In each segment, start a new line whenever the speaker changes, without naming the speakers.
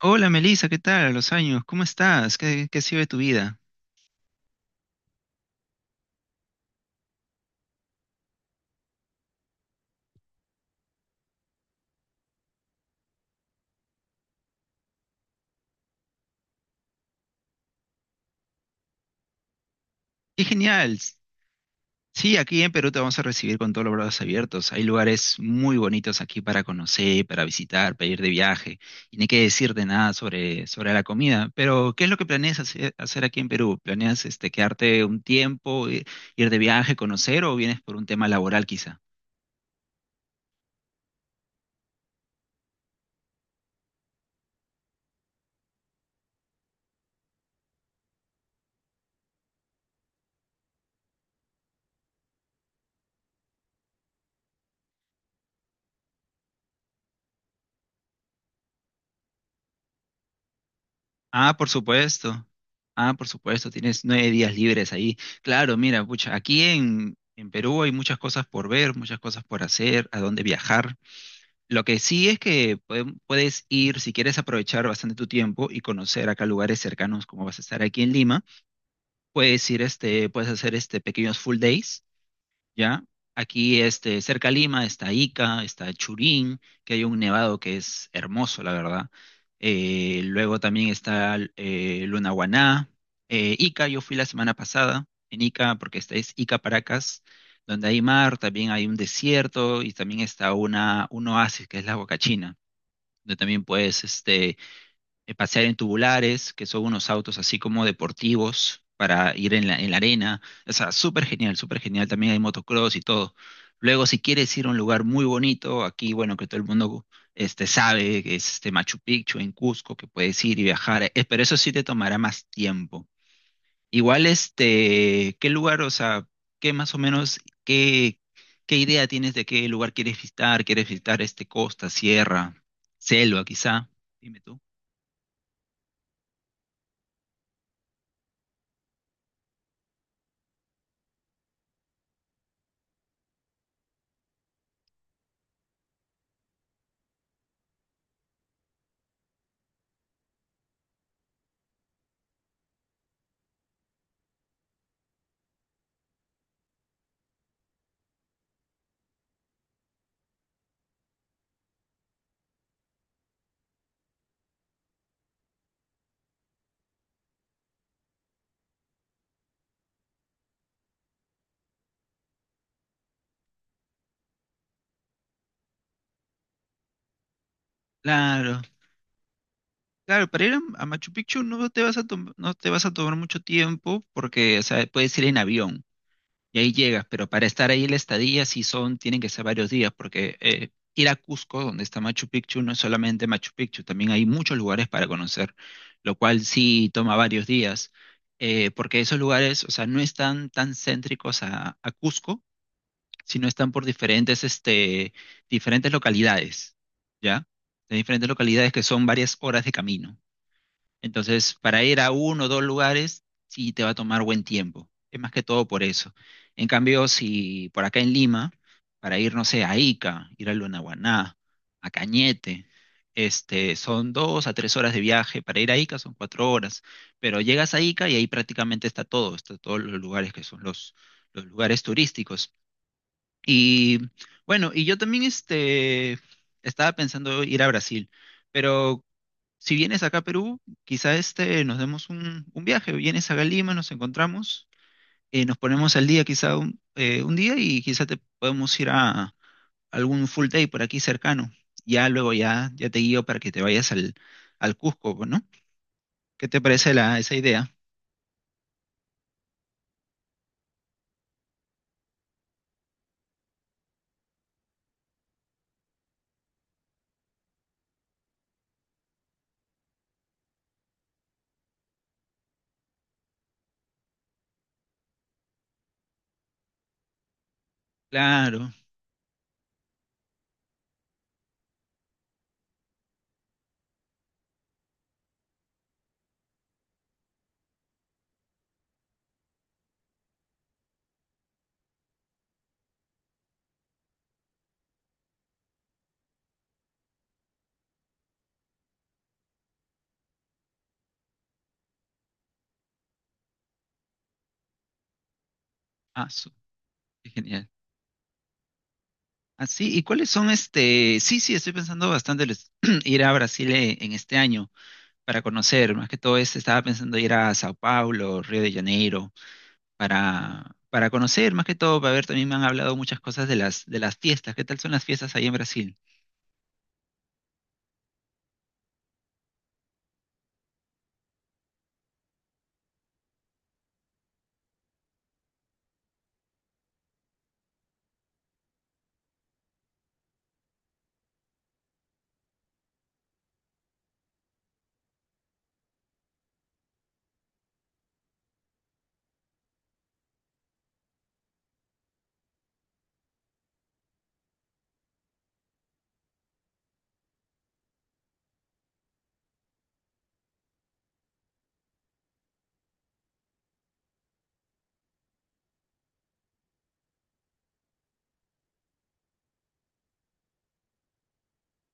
Hola Melissa, ¿qué tal? A los años, ¿cómo estás? ¿Qué ha sido de tu vida? ¡Qué genial! Sí, aquí en Perú te vamos a recibir con todos los brazos abiertos. Hay lugares muy bonitos aquí para conocer, para visitar, para ir de viaje. Y no hay que decirte nada sobre la comida. Pero, ¿qué es lo que planeas hacer aquí en Perú? ¿Planeas este, quedarte un tiempo, ir de viaje, conocer o vienes por un tema laboral quizá? Ah, por supuesto. Ah, por supuesto, tienes nueve días libres ahí. Claro, mira, pucha, aquí en Perú hay muchas cosas por ver, muchas cosas por hacer, a dónde viajar. Lo que sí es que puedes ir, si quieres aprovechar bastante tu tiempo y conocer acá lugares cercanos, como vas a estar aquí en Lima, puedes ir, este, puedes hacer este pequeños full days, ¿ya? Aquí, este, cerca a Lima está Ica, está Churín, que hay un nevado que es hermoso, la verdad. Luego también está Lunahuaná. Ica, yo fui la semana pasada en Ica, porque esta es Ica Paracas, donde hay mar, también hay un desierto y también está un oasis que es la Huacachina, donde también puedes este, pasear en tubulares, que son unos autos así como deportivos para ir en la arena. O sea, súper genial, súper genial. También hay motocross y todo. Luego, si quieres ir a un lugar muy bonito, aquí, bueno, que todo el mundo este, sabe, que es este Machu Picchu en Cusco, que puedes ir y viajar, pero eso sí te tomará más tiempo. Igual, este, ¿qué lugar, o sea, qué más o menos, qué, qué idea tienes de qué lugar quieres visitar? ¿Quieres visitar este costa, sierra, selva, quizá? Dime tú. Claro. Claro, para ir a Machu Picchu no te vas a no te vas a tomar mucho tiempo porque, o sea, puedes ir en avión y ahí llegas, pero para estar ahí la estadía sí son, tienen que ser varios días porque ir a Cusco, donde está Machu Picchu, no es solamente Machu Picchu, también hay muchos lugares para conocer, lo cual sí toma varios días, porque esos lugares, o sea, no están tan céntricos a Cusco, sino están por diferentes, este, diferentes localidades, ¿ya? De diferentes localidades que son varias horas de camino. Entonces, para ir a uno o dos lugares, sí te va a tomar buen tiempo. Es más que todo por eso. En cambio, si por acá en Lima, para ir, no sé, a Ica, ir a Lunahuaná, a Cañete, este, son dos a tres horas de viaje. Para ir a Ica son cuatro horas. Pero llegas a Ica y ahí prácticamente está todo, está todos los lugares que son los lugares turísticos. Y bueno, y yo también este, estaba pensando ir a Brasil. Pero si vienes acá a Perú, quizá este nos demos un viaje. Vienes acá a Lima, nos encontramos, nos ponemos al día quizá un día y quizá te podemos ir a algún full day por aquí cercano. Ya luego ya, ya te guío para que te vayas al Cusco, pues, ¿no? ¿Qué te parece esa idea? Claro. Ah, su- ¡Qué genial! Así, ¿y cuáles son este? Sí, sí, estoy pensando bastante ir a Brasil, en este año para conocer. Más que todo, este, estaba pensando ir a Sao Paulo, Río de Janeiro para conocer, más que todo, para ver, también me han hablado muchas cosas de las fiestas. ¿Qué tal son las fiestas ahí en Brasil?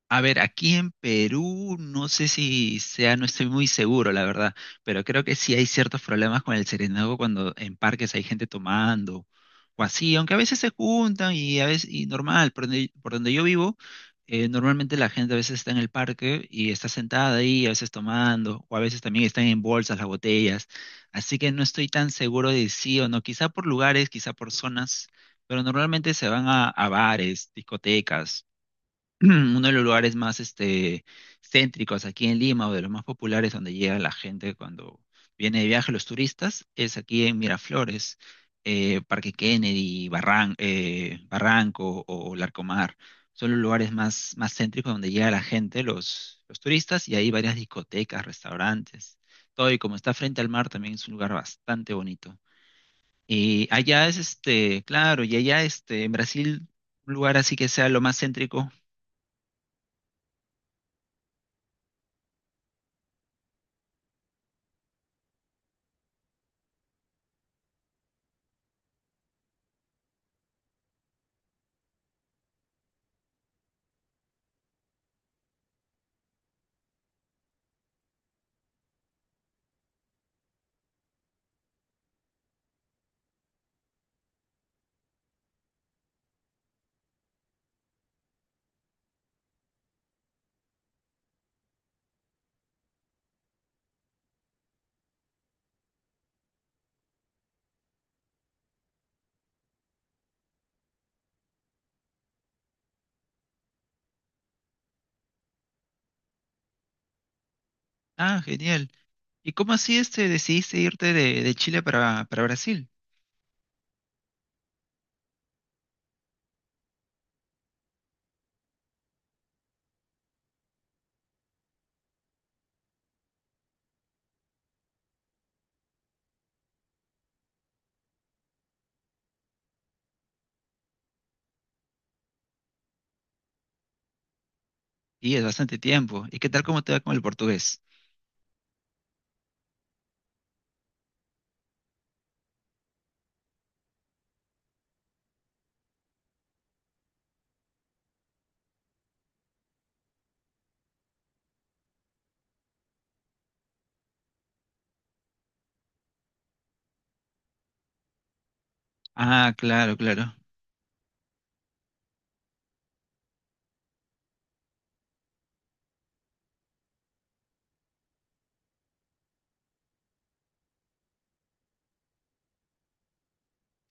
A ver, aquí en Perú no sé si sea, no estoy muy seguro, la verdad, pero creo que sí hay ciertos problemas con el serenazgo cuando en parques hay gente tomando o así, aunque a veces se juntan y a veces, y normal, por donde yo vivo, normalmente la gente a veces está en el parque y está sentada ahí, a veces tomando, o a veces también están en bolsas las botellas, así que no estoy tan seguro de sí o no, quizá por lugares, quizá por zonas, pero normalmente se van a bares, discotecas. Uno de los lugares más este, céntricos aquí en Lima o de los más populares donde llega la gente cuando viene de viaje, los turistas, es aquí en Miraflores, Parque Kennedy, Barranco o Larcomar. Son los lugares más, más céntricos donde llega la gente, los turistas, y hay varias discotecas, restaurantes, todo. Y como está frente al mar, también es un lugar bastante bonito. Y allá es este, claro, y allá este, en Brasil, un lugar así que sea lo más céntrico. Ah, genial. ¿Y cómo así este decidiste irte de Chile para Brasil? Y es bastante tiempo. ¿Y qué tal cómo te va con el portugués? Ah, claro, claro.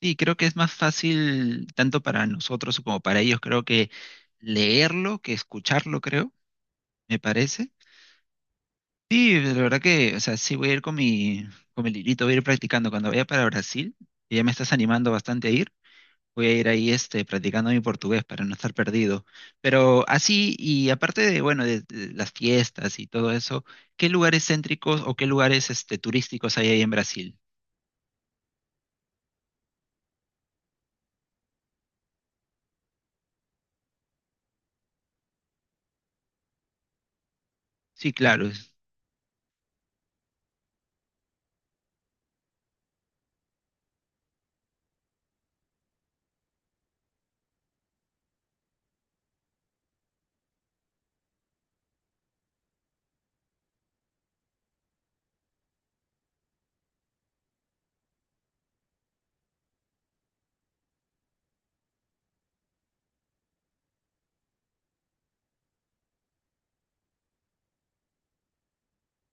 Sí, creo que es más fácil tanto para nosotros como para ellos, creo que leerlo que escucharlo, creo, me parece. Sí, la verdad que, o sea, sí voy a ir con mi librito, voy a ir practicando. Cuando vaya para Brasil, que ya me estás animando bastante a ir, voy a ir ahí este, practicando mi portugués para no estar perdido. Pero así, y aparte de, bueno, de las fiestas y todo eso, ¿qué lugares céntricos o qué lugares este, turísticos hay ahí en Brasil? Sí, claro.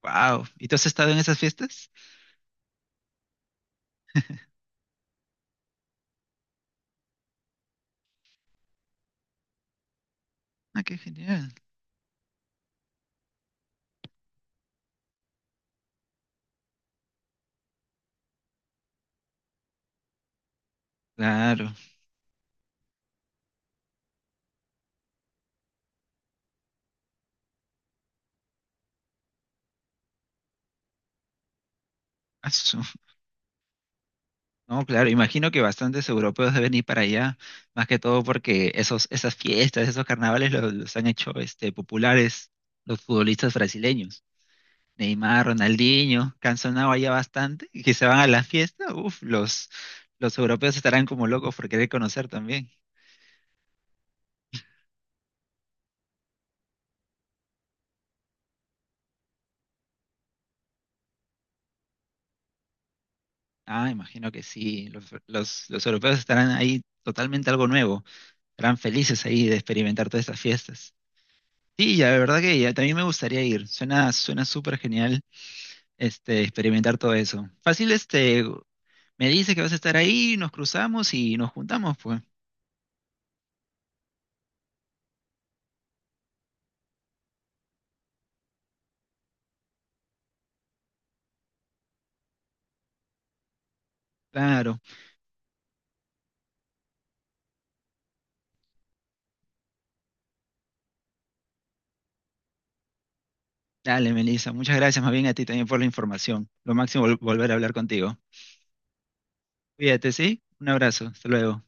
Wow. ¿Y tú has estado en esas fiestas? Ah, qué genial. Claro. Asu. No, claro. Imagino que bastantes europeos deben ir para allá, más que todo porque esos, esas fiestas, esos carnavales los han hecho este, populares los futbolistas brasileños. Neymar, Ronaldinho, que han sonado ya bastante y que se van a la fiesta, uff, los europeos estarán como locos por querer conocer también. Ah, imagino que sí, los europeos estarán ahí totalmente algo nuevo, estarán felices ahí de experimentar todas estas fiestas. Sí, ya, de verdad que ya, también me gustaría ir, suena, suena súper genial este, experimentar todo eso. Fácil, este, me dice que vas a estar ahí, nos cruzamos y nos juntamos, pues. Claro. Dale, Melissa. Muchas gracias más bien a ti también por la información. Lo máximo volver a hablar contigo. Cuídate, ¿sí? Un abrazo. Hasta luego.